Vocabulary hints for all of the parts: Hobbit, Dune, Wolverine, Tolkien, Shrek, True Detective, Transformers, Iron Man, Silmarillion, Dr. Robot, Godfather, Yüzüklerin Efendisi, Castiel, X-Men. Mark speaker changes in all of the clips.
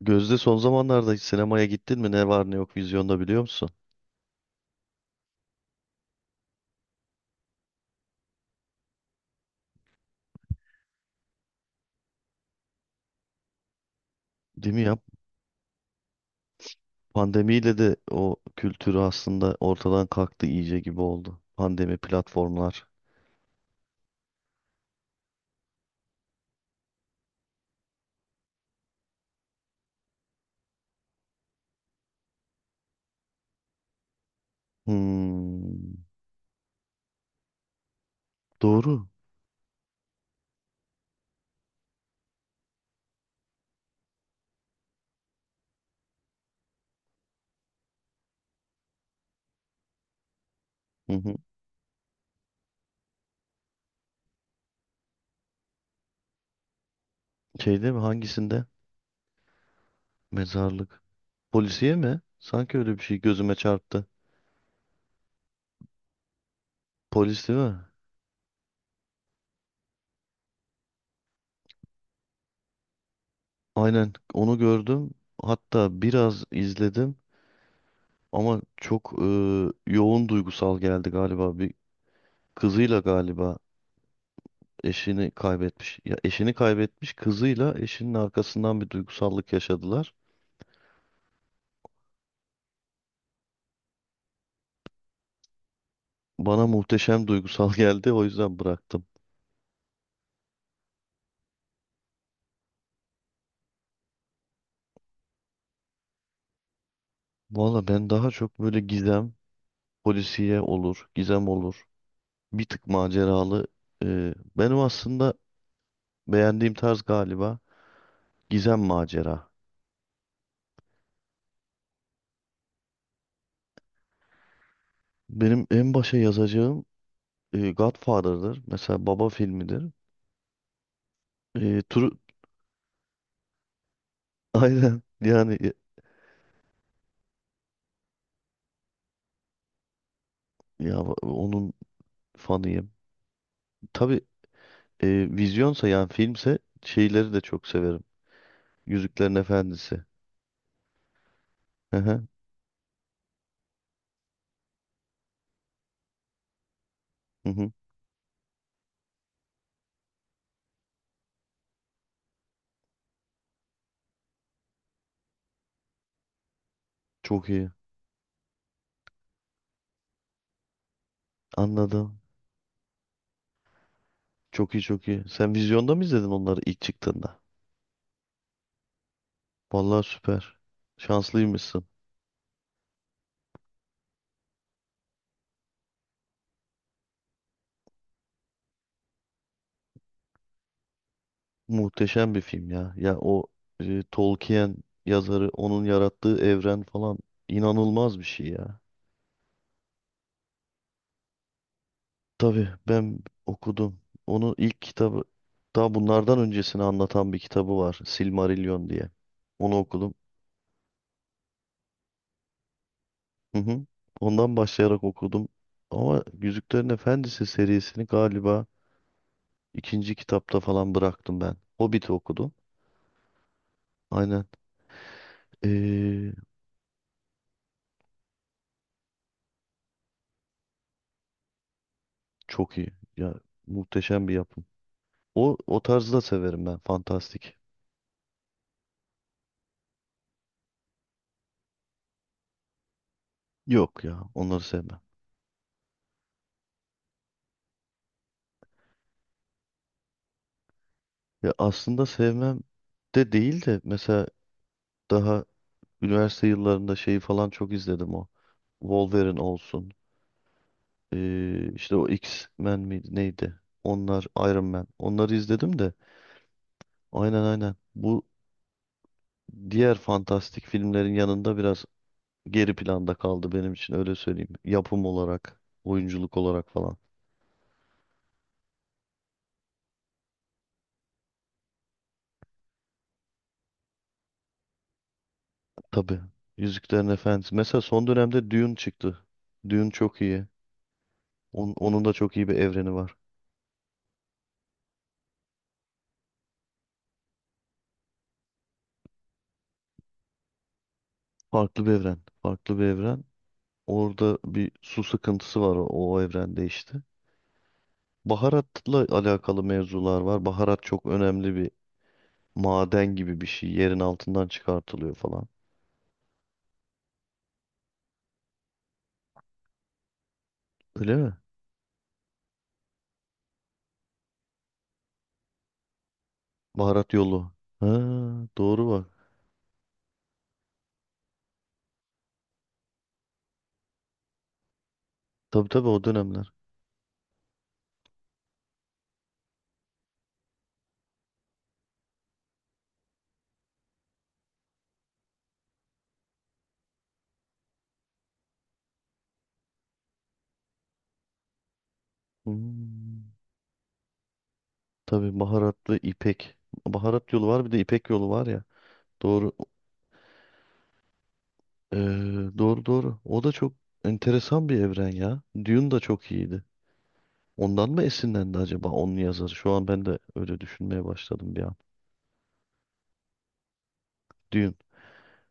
Speaker 1: Gözde, son zamanlarda hiç sinemaya gittin mi? Ne var ne yok vizyonda biliyor musun? Değil mi ya? Pandemiyle de o kültürü aslında ortadan kalktı iyice gibi oldu. Pandemi platformlar. Hmm, doğru. Hı hı. Şeyde mi? Hangisinde? Mezarlık. Polisiye mi? Sanki öyle bir şey gözüme çarptı. Polis değil mi? Aynen onu gördüm. Hatta biraz izledim ama çok yoğun duygusal geldi galiba. Bir kızıyla galiba eşini kaybetmiş. Ya eşini kaybetmiş, kızıyla eşinin arkasından bir duygusallık yaşadılar. Bana muhteşem duygusal geldi, o yüzden bıraktım. Valla ben daha çok böyle gizem, polisiye olur, gizem olur. Bir tık maceralı. Benim aslında beğendiğim tarz galiba gizem macera. Benim en başa yazacağım Godfather'dır. Mesela Baba filmidir. E, Tru- Aynen yani ya, ya onun fanıyım. Tabii. E, Vizyonsa yani filmse şeyleri de çok severim. Yüzüklerin Efendisi. Hı hı, hı hı. Çok iyi. Anladım. Çok iyi, çok iyi. Sen vizyonda mı izledin onları ilk çıktığında? Vallahi süper. Şanslıymışsın. Muhteşem bir film ya. Ya o Tolkien yazarı, onun yarattığı evren falan inanılmaz bir şey ya. Tabii ben okudum. Onun ilk kitabı, daha bunlardan öncesini anlatan bir kitabı var. Silmarillion diye. Onu okudum. Hı hı. Ondan başlayarak okudum. Ama Yüzüklerin Efendisi serisini galiba ikinci kitapta falan bıraktım ben. Hobbit'i okudum. Aynen. Ee, çok iyi. Ya muhteşem bir yapım. O tarzı da severim ben. Fantastik. Yok ya, onları sevmem. Ya aslında sevmem de değil de, mesela daha üniversite yıllarında şeyi falan çok izledim o. Wolverine olsun. İşte o X-Men miydi neydi? Onlar Iron Man. Onları izledim de aynen aynen. Bu diğer fantastik filmlerin yanında biraz geri planda kaldı benim için, öyle söyleyeyim. Yapım olarak, oyunculuk olarak falan. Tabii. Yüzüklerin Efendisi. Mesela son dönemde Dune çıktı. Dune çok iyi. Onun da çok iyi bir evreni var. Farklı bir evren. Farklı bir evren. Orada bir su sıkıntısı var o evrende işte. Baharatla alakalı mevzular var. Baharat çok önemli bir maden gibi bir şey. Yerin altından çıkartılıyor falan. Öyle mi? Baharat yolu. Ha, doğru bak. Tabii tabii, o dönemler. Hmm, tabii baharatlı ipek. Baharat yolu var, bir de ipek yolu var ya. Doğru. Ee, doğru doğru. O da çok enteresan bir evren ya. Dune da çok iyiydi. Ondan mı esinlendi acaba onun yazarı? Şu an ben de öyle düşünmeye başladım bir an. Dune.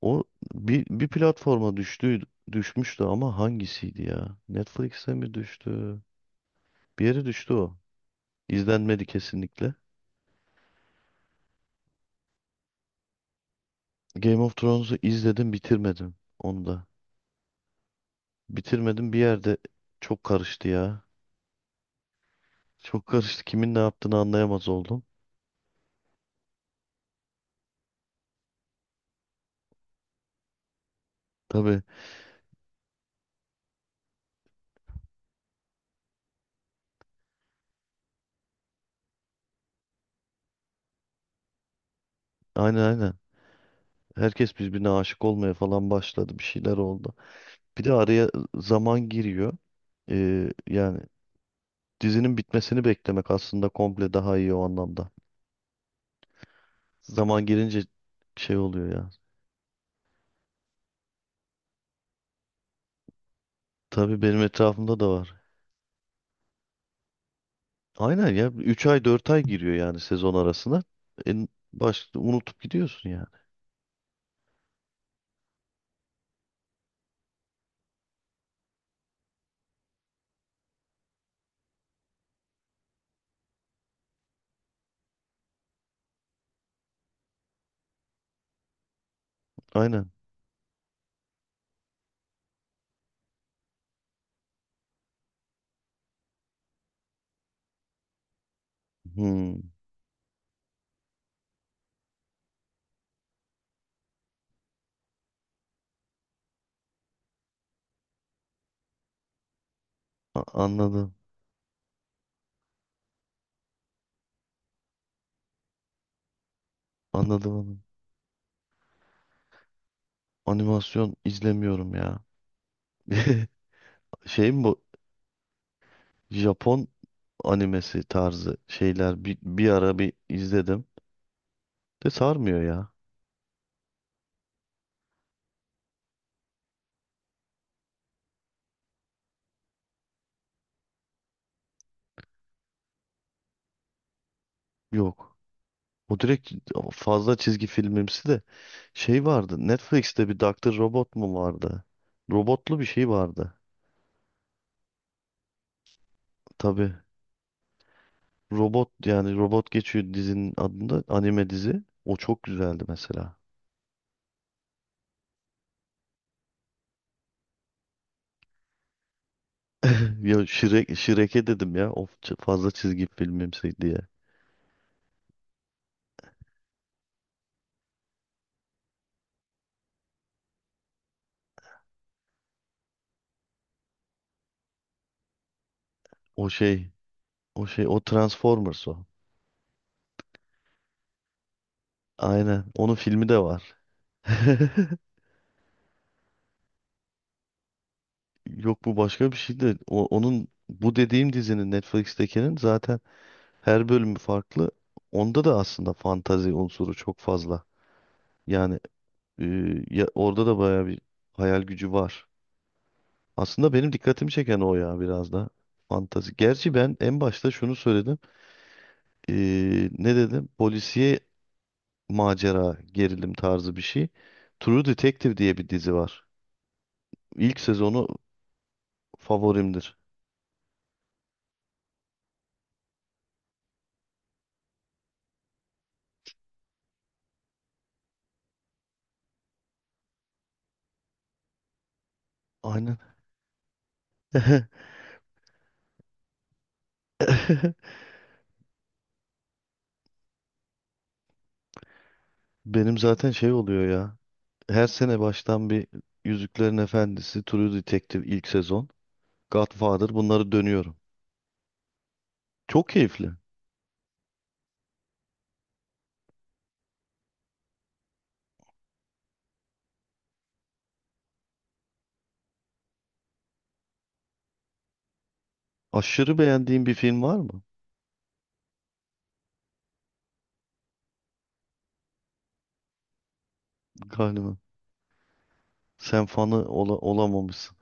Speaker 1: O bir platforma düştü, düşmüştü ama hangisiydi ya? Netflix'e mi düştü? Bir yere düştü o. İzlenmedi kesinlikle. Game of Thrones'u izledim, bitirmedim onu da. Bitirmedim, bir yerde çok karıştı ya. Çok karıştı. Kimin ne yaptığını anlayamaz oldum. Tabii aynen aynen. Herkes birbirine aşık olmaya falan başladı. Bir şeyler oldu. Bir de araya zaman giriyor. Yani dizinin bitmesini beklemek aslında komple daha iyi o anlamda. Zaman girince şey oluyor ya. Tabii benim etrafımda da var. Aynen ya, 3 ay 4 ay giriyor yani sezon arasına. En baş unutup gidiyorsun yani. Aynen. Hmm, anladım. Anladım onu. Animasyon izlemiyorum ya. Şey mi bu? Japon animesi tarzı şeyler bir ara bir izledim. De sarmıyor ya. Yok. O direkt fazla çizgi filmimsi de şey vardı. Netflix'te bir Dr. Robot mu vardı? Robotlu bir şey vardı. Tabii. Robot, yani robot geçiyor dizinin adında, anime dizi. O çok güzeldi mesela. Ya Shrek, Shrek'e dedim ya. Of fazla çizgi filmimsi diye. O şey, o Transformers o. Aynen. Onun filmi de var. Yok bu başka bir şey de. Onun bu dediğim dizinin, Netflix'tekinin, zaten her bölümü farklı. Onda da aslında fantazi unsuru çok fazla. Yani e, orada da bayağı bir hayal gücü var. Aslında benim dikkatimi çeken o ya biraz da. Fantazi. Gerçi ben en başta şunu söyledim. E, ne dedim? Polisiye, macera, gerilim tarzı bir şey. True Detective diye bir dizi var. İlk sezonu favorimdir. Aynen. Benim zaten şey oluyor ya. Her sene baştan bir Yüzüklerin Efendisi, True Detective ilk sezon, Godfather, bunları dönüyorum. Çok keyifli. Aşırı beğendiğin bir film var mı? Galiba. Sen fanı olamamışsın.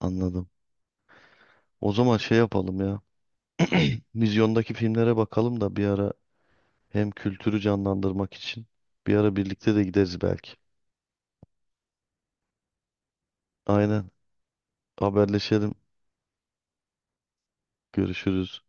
Speaker 1: Anladım. O zaman şey yapalım ya. Vizyondaki filmlere bakalım da bir ara, hem kültürü canlandırmak için. Bir ara birlikte de gideriz belki. Aynen. Haberleşelim. Görüşürüz.